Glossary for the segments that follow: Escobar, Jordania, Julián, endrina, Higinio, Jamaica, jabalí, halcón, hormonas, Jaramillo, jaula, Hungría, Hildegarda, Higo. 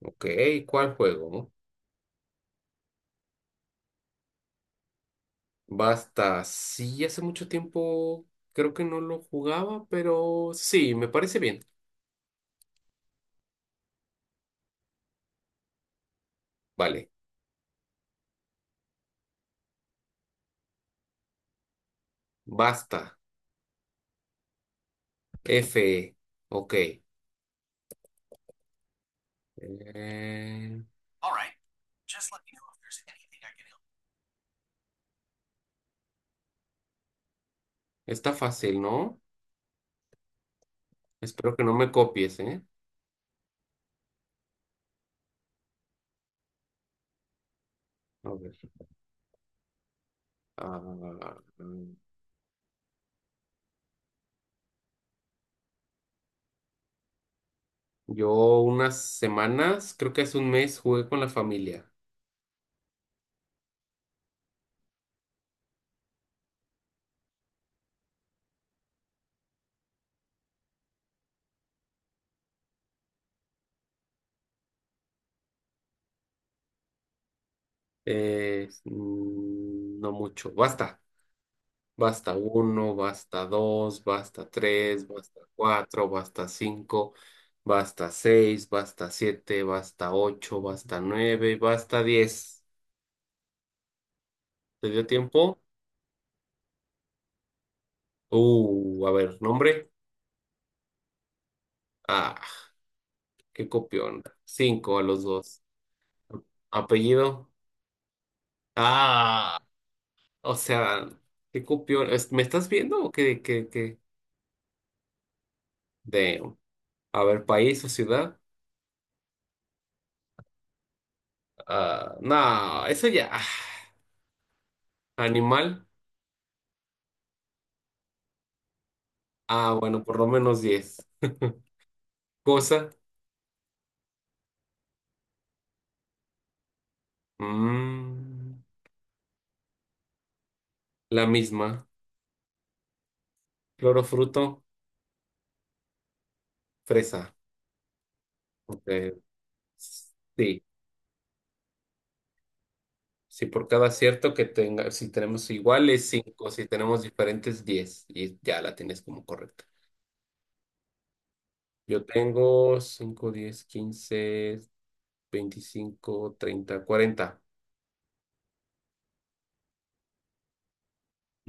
Ok, ¿cuál juego? Basta. Sí, hace mucho tiempo creo que no lo jugaba, pero sí, me parece bien. Vale, basta. F. Ok. Eh, All right, está fácil, ¿no? Espero que no me copies, ¿eh? A ver. ah, mm, yo unas semanas, creo que hace un mes, jugué con la familia. No mucho. Basta. Basta uno, basta dos, basta tres, basta cuatro, basta cinco, basta seis, basta siete, basta ocho, basta nueve, basta diez. ¿Te dio tiempo? A ver, nombre. Ah, qué copión. Cinco a los dos. Apellido. Ah, o sea, qué copión. ¿Me estás viendo o qué, qué, qué? Damn. A ver, país o ciudad. Ah, no, eso ya. Animal. Ah, bueno, por lo menos 10. Cosa, mm, la misma. Clorofruto, fresa. Ok, sí, si por cada acierto que tenga, si tenemos iguales, 5, si tenemos diferentes, 10 y ya la tienes como correcta. Yo tengo 5, 10, 15, 25, 30, 40.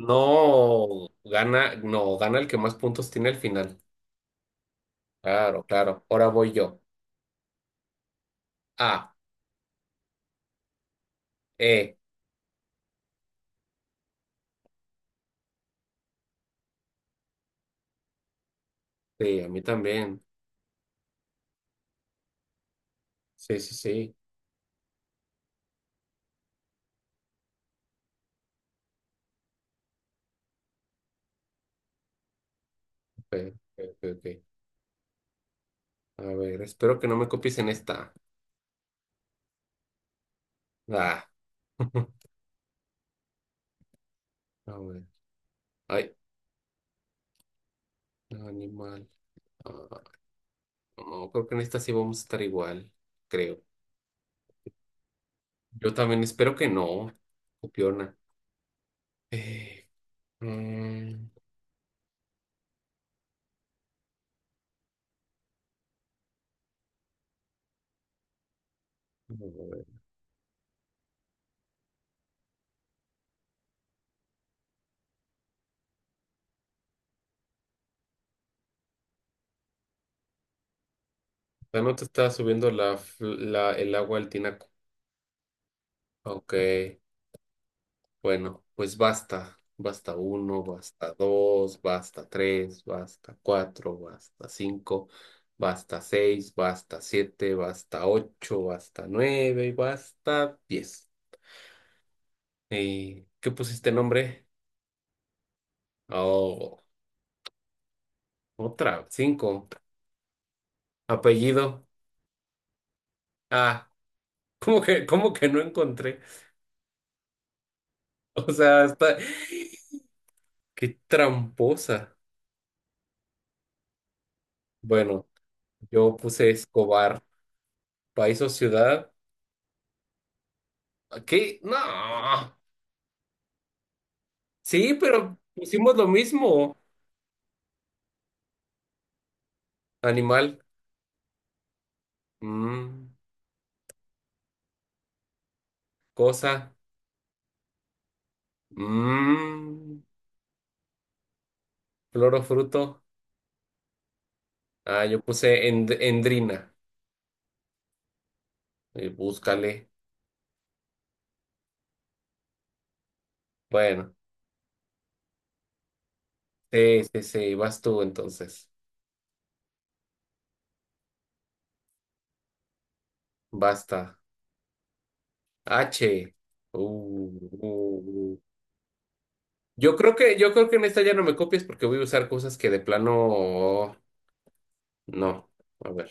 No, gana, no, gana el que más puntos tiene al final. Claro, claro. Ahora voy yo. A, E. Sí, a mí también. Sí, sí, sí. Ok, ok, ok, ok. A ver, espero que no me copies en esta. Ah. A ver. Ay, animal. Ah, no, creo que en esta sí vamos a estar igual, creo. Yo también espero que no, copiona. Eh, mm, a ver. Ya no te está subiendo la, el agua al tinaco. Ok. Bueno, pues basta, basta uno, basta dos, basta tres, basta cuatro, basta cinco, basta seis, basta siete, basta ocho, basta nueve y basta diez. ¿Y qué pusiste nombre? Oh, otra, cinco. Apellido. Ah, cómo que no encontré? O sea, hasta. Qué tramposa. Bueno, yo puse Escobar, país o ciudad. ¿Qué? No. Sí, pero pusimos lo mismo. Animal, mm, cosa, mm, flor o fruto. Ah, yo puse endrina. Búscale. Bueno, sí, sí, sí, vas tú entonces. Basta. H. Uh, uh, uh. Yo creo que en esta ya no me copies porque voy a usar cosas que de plano no. A ver,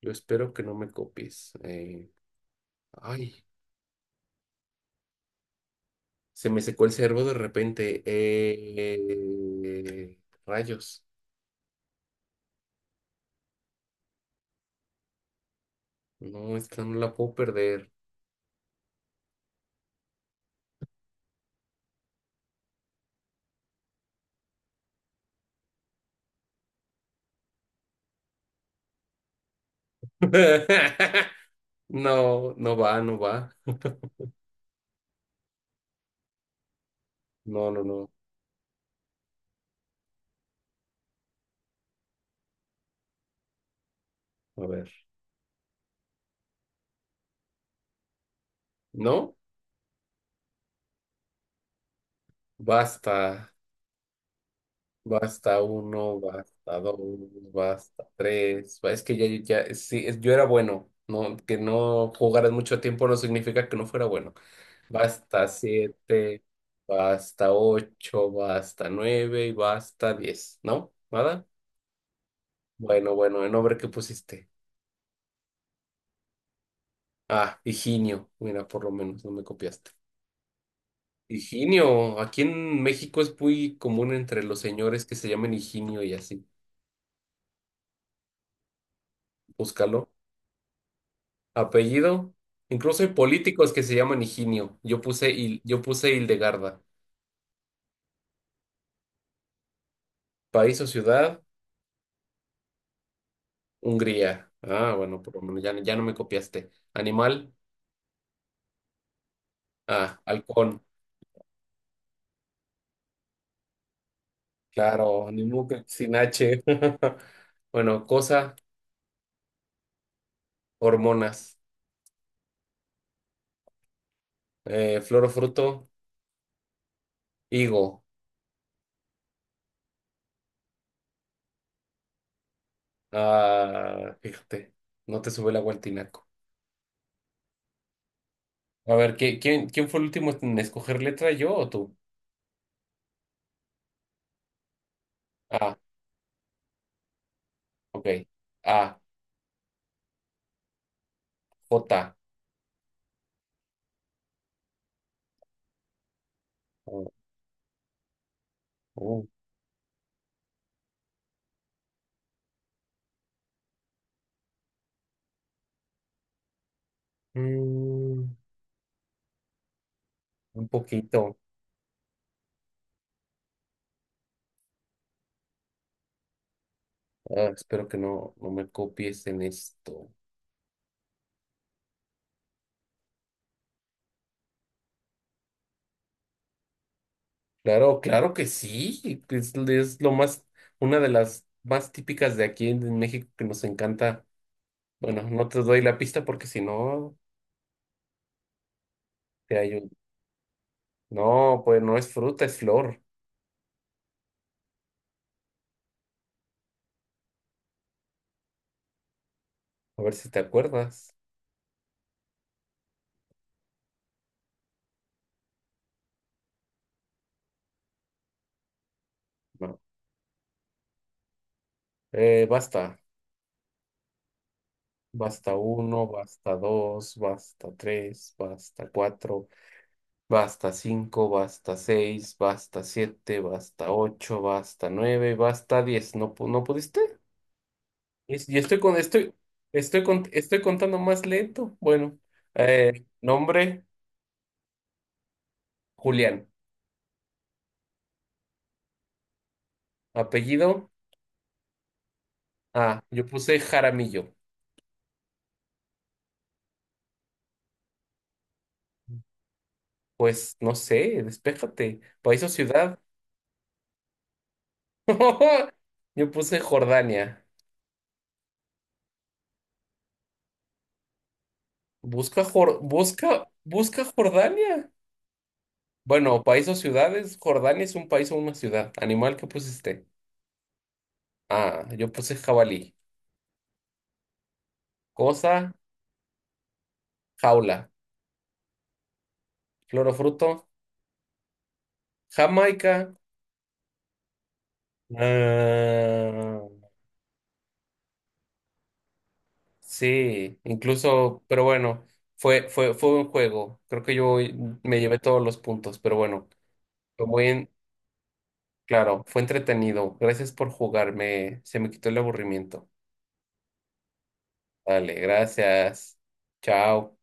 yo espero que no me copies. Ay. Se me secó el cerebro de repente. Rayos. No, esta no la puedo perder. No, no va, no va. No, no, no. A ver. No, basta. Basta uno, basta dos, basta tres. Es que ya, ya, sí, yo era bueno. No, que no jugaras mucho tiempo no significa que no fuera bueno. Basta siete, basta ocho, basta nueve y basta diez. ¿No? ¿Nada? Bueno, bueno, el nombre que pusiste. Ah, Higinio. Mira, por lo menos no me copiaste. Higinio. Aquí en México es muy común entre los señores que se llamen Higinio y así. Búscalo. Apellido. Incluso hay políticos que se llaman Higinio. Yo puse Hildegarda. País o ciudad, Hungría. Ah, bueno, por lo menos ya, ya no me copiaste. Animal. Ah, halcón. Claro, ni modo que sin H. Bueno, cosa, hormonas. Flor o fruto. Higo. Ah, fíjate, no te sube la agua al tinaco. A ver, ¿quién fue el último en escoger letra, yo o tú? Ah, ok. A, J. U, U. Mm, un poquito. Ah, espero que no me copies en esto. Claro, claro que sí. Es lo más, una de las más típicas de aquí en México que nos encanta. Bueno, no te doy la pista porque si no, te ayudo. No, pues no es fruta, es flor. A ver si te acuerdas. No. Basta. Basta uno, basta dos, basta tres, basta cuatro, basta cinco, basta seis, basta siete, basta ocho, basta nueve, basta diez. ¿No, no pudiste? Y estoy contando más lento. Bueno, nombre, Julián. Apellido, ah, yo puse Jaramillo. Pues no sé, despéjate. País o ciudad. Yo puse Jordania. Busca Jordania. Bueno, país o ciudades. Jordania es un país o una ciudad. Animal que pusiste. Ah, yo puse jabalí. Cosa, jaula. Flor o fruto, Jamaica. Ah, sí, incluso, pero bueno, fue un juego. Creo que yo me llevé todos los puntos, pero bueno, fue muy en- claro, fue entretenido. Gracias por jugarme. Se me quitó el aburrimiento. Vale, gracias. Chao.